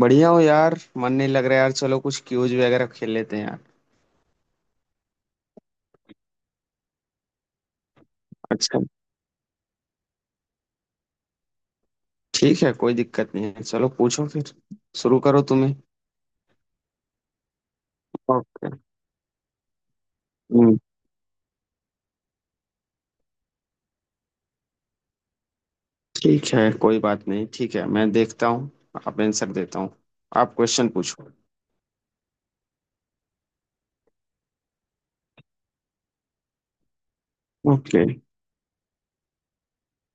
बढ़िया हो यार। मन नहीं लग रहा यार। चलो कुछ क्यूज वगैरह खेल लेते हैं यार। अच्छा ठीक है। कोई दिक्कत नहीं है। चलो पूछो फिर। शुरू करो तुम्हें। ओके। हम्म। ठीक है कोई बात नहीं। ठीक है मैं देखता हूँ। आप आंसर देता हूँ। आप क्वेश्चन पूछो। ओके।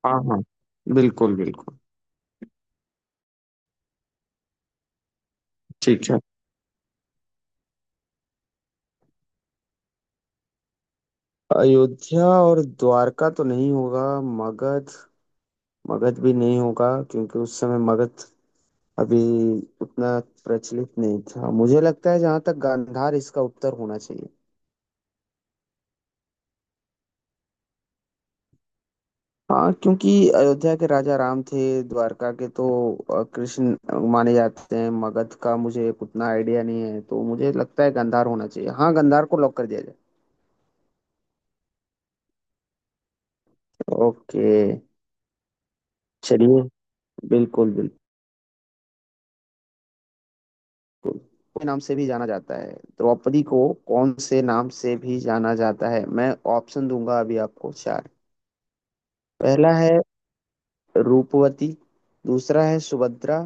हाँ हाँ। बिल्कुल बिल्कुल। ठीक है। अयोध्या और द्वारका तो नहीं होगा। मगध। मगध भी नहीं होगा, क्योंकि उस समय मगध अभी उतना प्रचलित नहीं था। मुझे लगता है जहाँ तक गांधार, इसका उत्तर होना चाहिए। हाँ, क्योंकि अयोध्या के राजा राम थे, द्वारका के तो कृष्ण माने जाते हैं। मगध का मुझे उतना आइडिया नहीं है, तो मुझे लगता है गांधार होना चाहिए। हाँ, गांधार को लॉक कर दिया जाए। ओके, चलिए। बिल्कुल बिल्कुल। के नाम से भी जाना जाता है द्रौपदी को। कौन से नाम से भी जाना जाता है। मैं ऑप्शन दूंगा अभी आपको चार। पहला है रूपवती। दूसरा है सुभद्रा।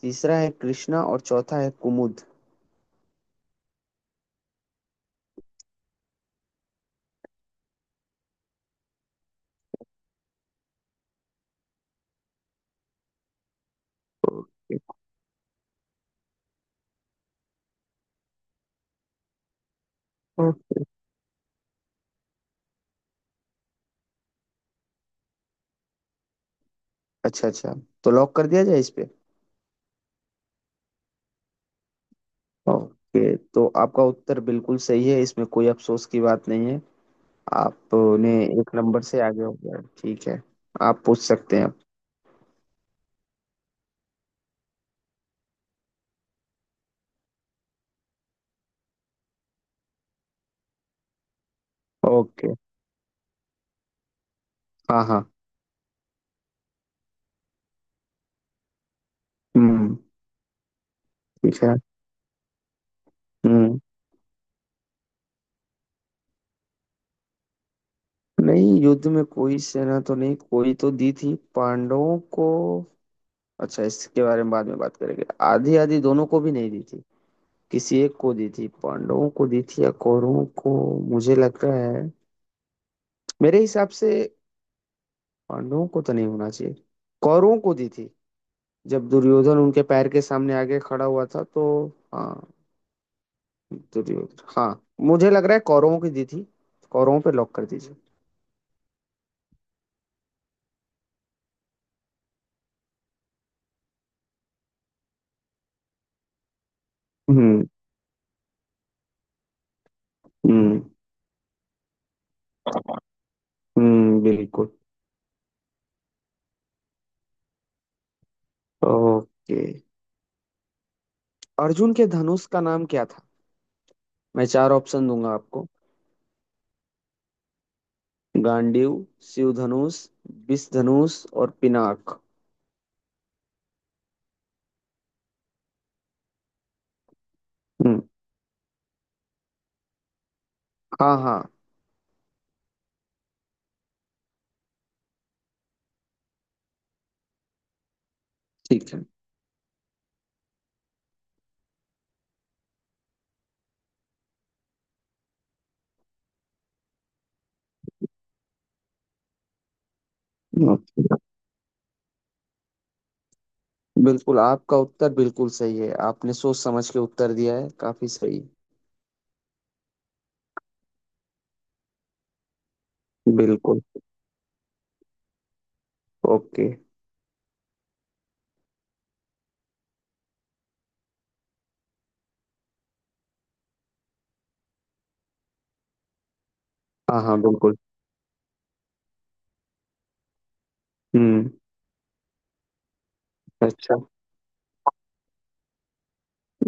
तीसरा है कृष्णा और चौथा है कुमुद। ओके। ओके, अच्छा अच्छा। तो लॉक कर दिया जाए इस पे। ओके, तो आपका उत्तर बिल्कुल सही है। इसमें कोई अफसोस की बात नहीं है। आपने एक नंबर से आगे हो गया। ठीक है, आप पूछ सकते हैं। ओके। हाँ हाँ। हम्म। ठीक है। हम्म। नहीं, युद्ध में कोई सेना तो नहीं, कोई तो दी थी पांडवों को। अच्छा, इसके बारे में बाद में बात करेंगे। आधी आधी दोनों को भी नहीं दी थी। किसी एक को दी थी, पांडवों को दी थी या कौरवों को। मुझे लग रहा है, मेरे हिसाब से पांडवों को तो नहीं होना चाहिए। कौरवों को दी थी, जब दुर्योधन उनके पैर के सामने आगे खड़ा हुआ था तो। हाँ, दुर्योधन। हाँ, मुझे लग रहा है कौरवों की दी थी। कौरवों पे लॉक कर दीजिए। हम्म। हम्म। हम्म, बिल्कुल। ओके। अर्जुन के धनुष का नाम क्या था। मैं चार ऑप्शन दूंगा आपको। गांडीव, शिव धनुष, विष धनुष और पिनाक। हम्म। हाँ हाँ। ठीक है। ओके। बिल्कुल आपका उत्तर बिल्कुल सही है। आपने सोच समझ के उत्तर दिया है काफी सही। बिल्कुल। ओके। हाँ हाँ बिल्कुल। हम्म। अच्छा,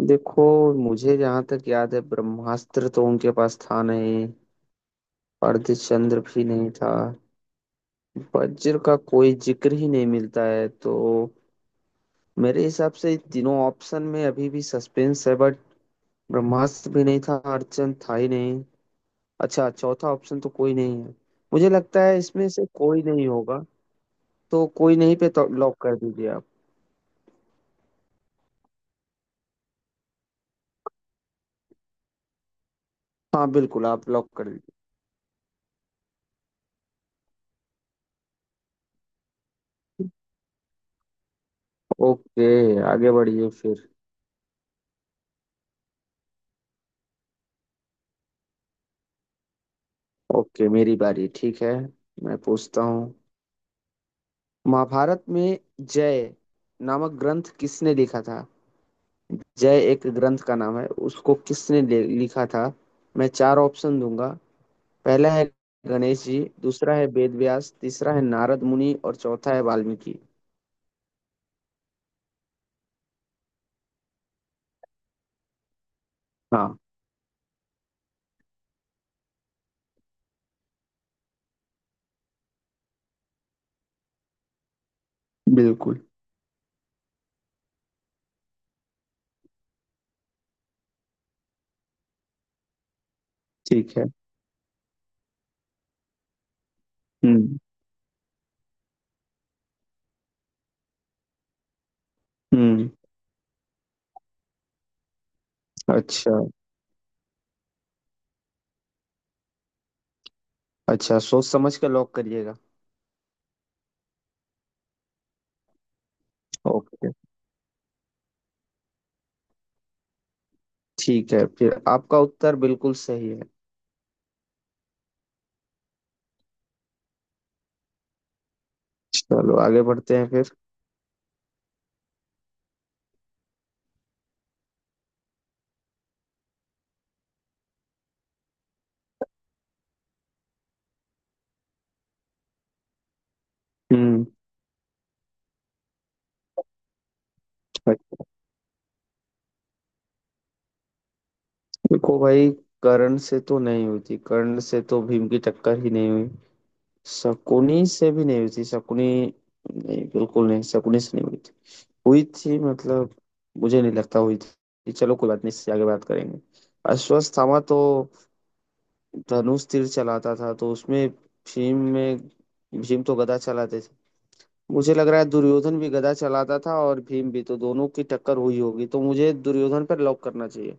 देखो मुझे जहां तक याद है ब्रह्मास्त्र तो उनके पास था नहीं। अर्धचंद्र भी नहीं था। वज्र का कोई जिक्र ही नहीं मिलता है, तो मेरे हिसाब से इन तीनों ऑप्शन में अभी भी सस्पेंस है बट ब्रह्मास्त्र भी नहीं था, अर्धचंद्र था ही नहीं। अच्छा, चौथा ऑप्शन तो कोई नहीं है। मुझे लगता है इसमें से कोई नहीं होगा, तो कोई नहीं पे तो लॉक कर दीजिए आप। हाँ बिल्कुल, आप लॉक कर दीजिए। ओके, आगे बढ़िए फिर। ओके, मेरी बारी। ठीक है, मैं पूछता हूँ। महाभारत में जय नामक ग्रंथ किसने लिखा था। जय एक ग्रंथ का नाम है, उसको किसने लिखा था। मैं चार ऑप्शन दूंगा। पहला है गणेश जी, दूसरा है वेद व्यास, तीसरा है नारद मुनि और चौथा है वाल्मीकि। हाँ। बिल्कुल। ठीक है। हम्म। हम्म। अच्छा, अच्छा सोच समझ कर लॉक करिएगा। ओके। ठीक है फिर, आपका उत्तर बिल्कुल सही है। चलो आगे बढ़ते हैं फिर। हम्म। देखो भाई, कर्ण से तो नहीं हुई थी। कर्ण से तो भीम की टक्कर ही नहीं हुई। शकुनी से भी नहीं हुई थी। शकुनी, नहीं, बिल्कुल नहीं, शकुनी से नहीं हुई थी। हुई थी, मतलब मुझे नहीं लगता हुई थी। चलो कोई बात नहीं, इससे आगे बात करेंगे। अश्वत्थामा तो धनुष तीर चलाता था, तो उसमें भीम में, भीम तो गदा चलाते थे। मुझे लग रहा है दुर्योधन भी गदा चलाता था और भीम भी, तो दोनों की टक्कर हुई होगी, तो मुझे दुर्योधन पर लॉक करना चाहिए।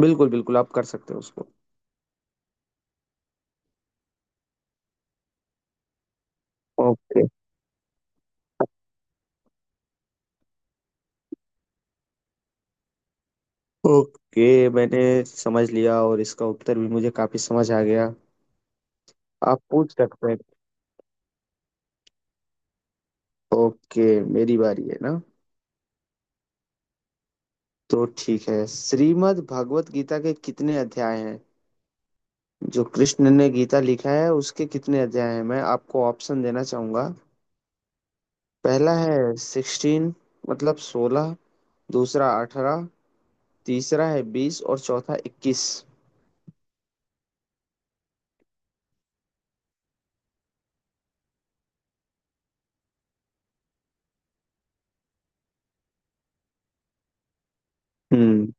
बिल्कुल बिल्कुल, आप कर सकते हो उसको। ओके। ओके, मैंने समझ लिया और इसका उत्तर भी मुझे काफी समझ आ गया। आप पूछ सकते हैं। ओके, मेरी बारी है ना। तो ठीक है, श्रीमद् भागवत गीता के कितने अध्याय हैं। जो कृष्ण ने गीता लिखा है उसके कितने अध्याय हैं। मैं आपको ऑप्शन देना चाहूंगा। पहला है सिक्सटीन, मतलब सोलह। दूसरा अठारह। तीसरा है बीस और चौथा इक्कीस। हम्म।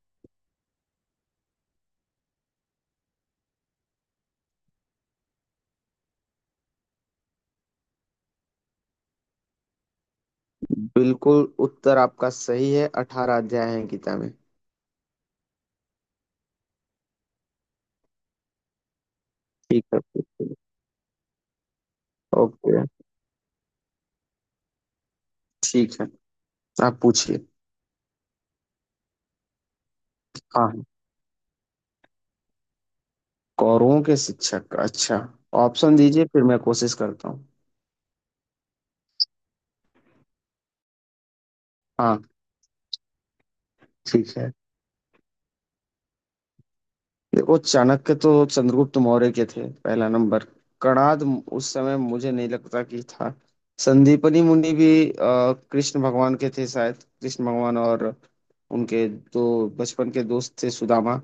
बिल्कुल, उत्तर आपका सही है। अठारह अध्याय है गीता में। ठीक है पूछिए। ओके। ठीक है, आप पूछिए। हाँ हाँ। कौरवों के शिक्षक, अच्छा ऑप्शन दीजिए फिर मैं कोशिश करता हूँ। हाँ। ठीक है, देखो चाणक्य तो चंद्रगुप्त मौर्य के थे। पहला नंबर कणाद, उस समय मुझे नहीं लगता कि था। संदीपनी मुनि भी कृष्ण भगवान के थे शायद। कृष्ण भगवान और उनके दो बचपन के दोस्त थे सुदामा।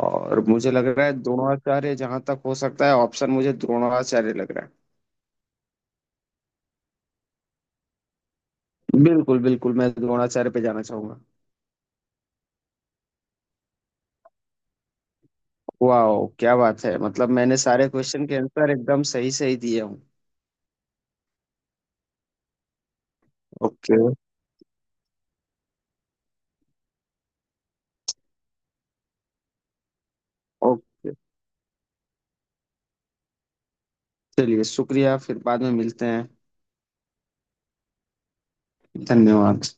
और मुझे लग रहा है द्रोणाचार्य, जहां तक हो सकता है ऑप्शन, मुझे द्रोणाचार्य लग रहा है। बिल्कुल बिल्कुल, मैं द्रोणाचार्य पे जाना चाहूंगा। वाह क्या बात है, मतलब मैंने सारे क्वेश्चन के आंसर एकदम सही सही दिए हूँ। ओके। ओके, चलिए शुक्रिया, फिर बाद में मिलते हैं। धन्यवाद।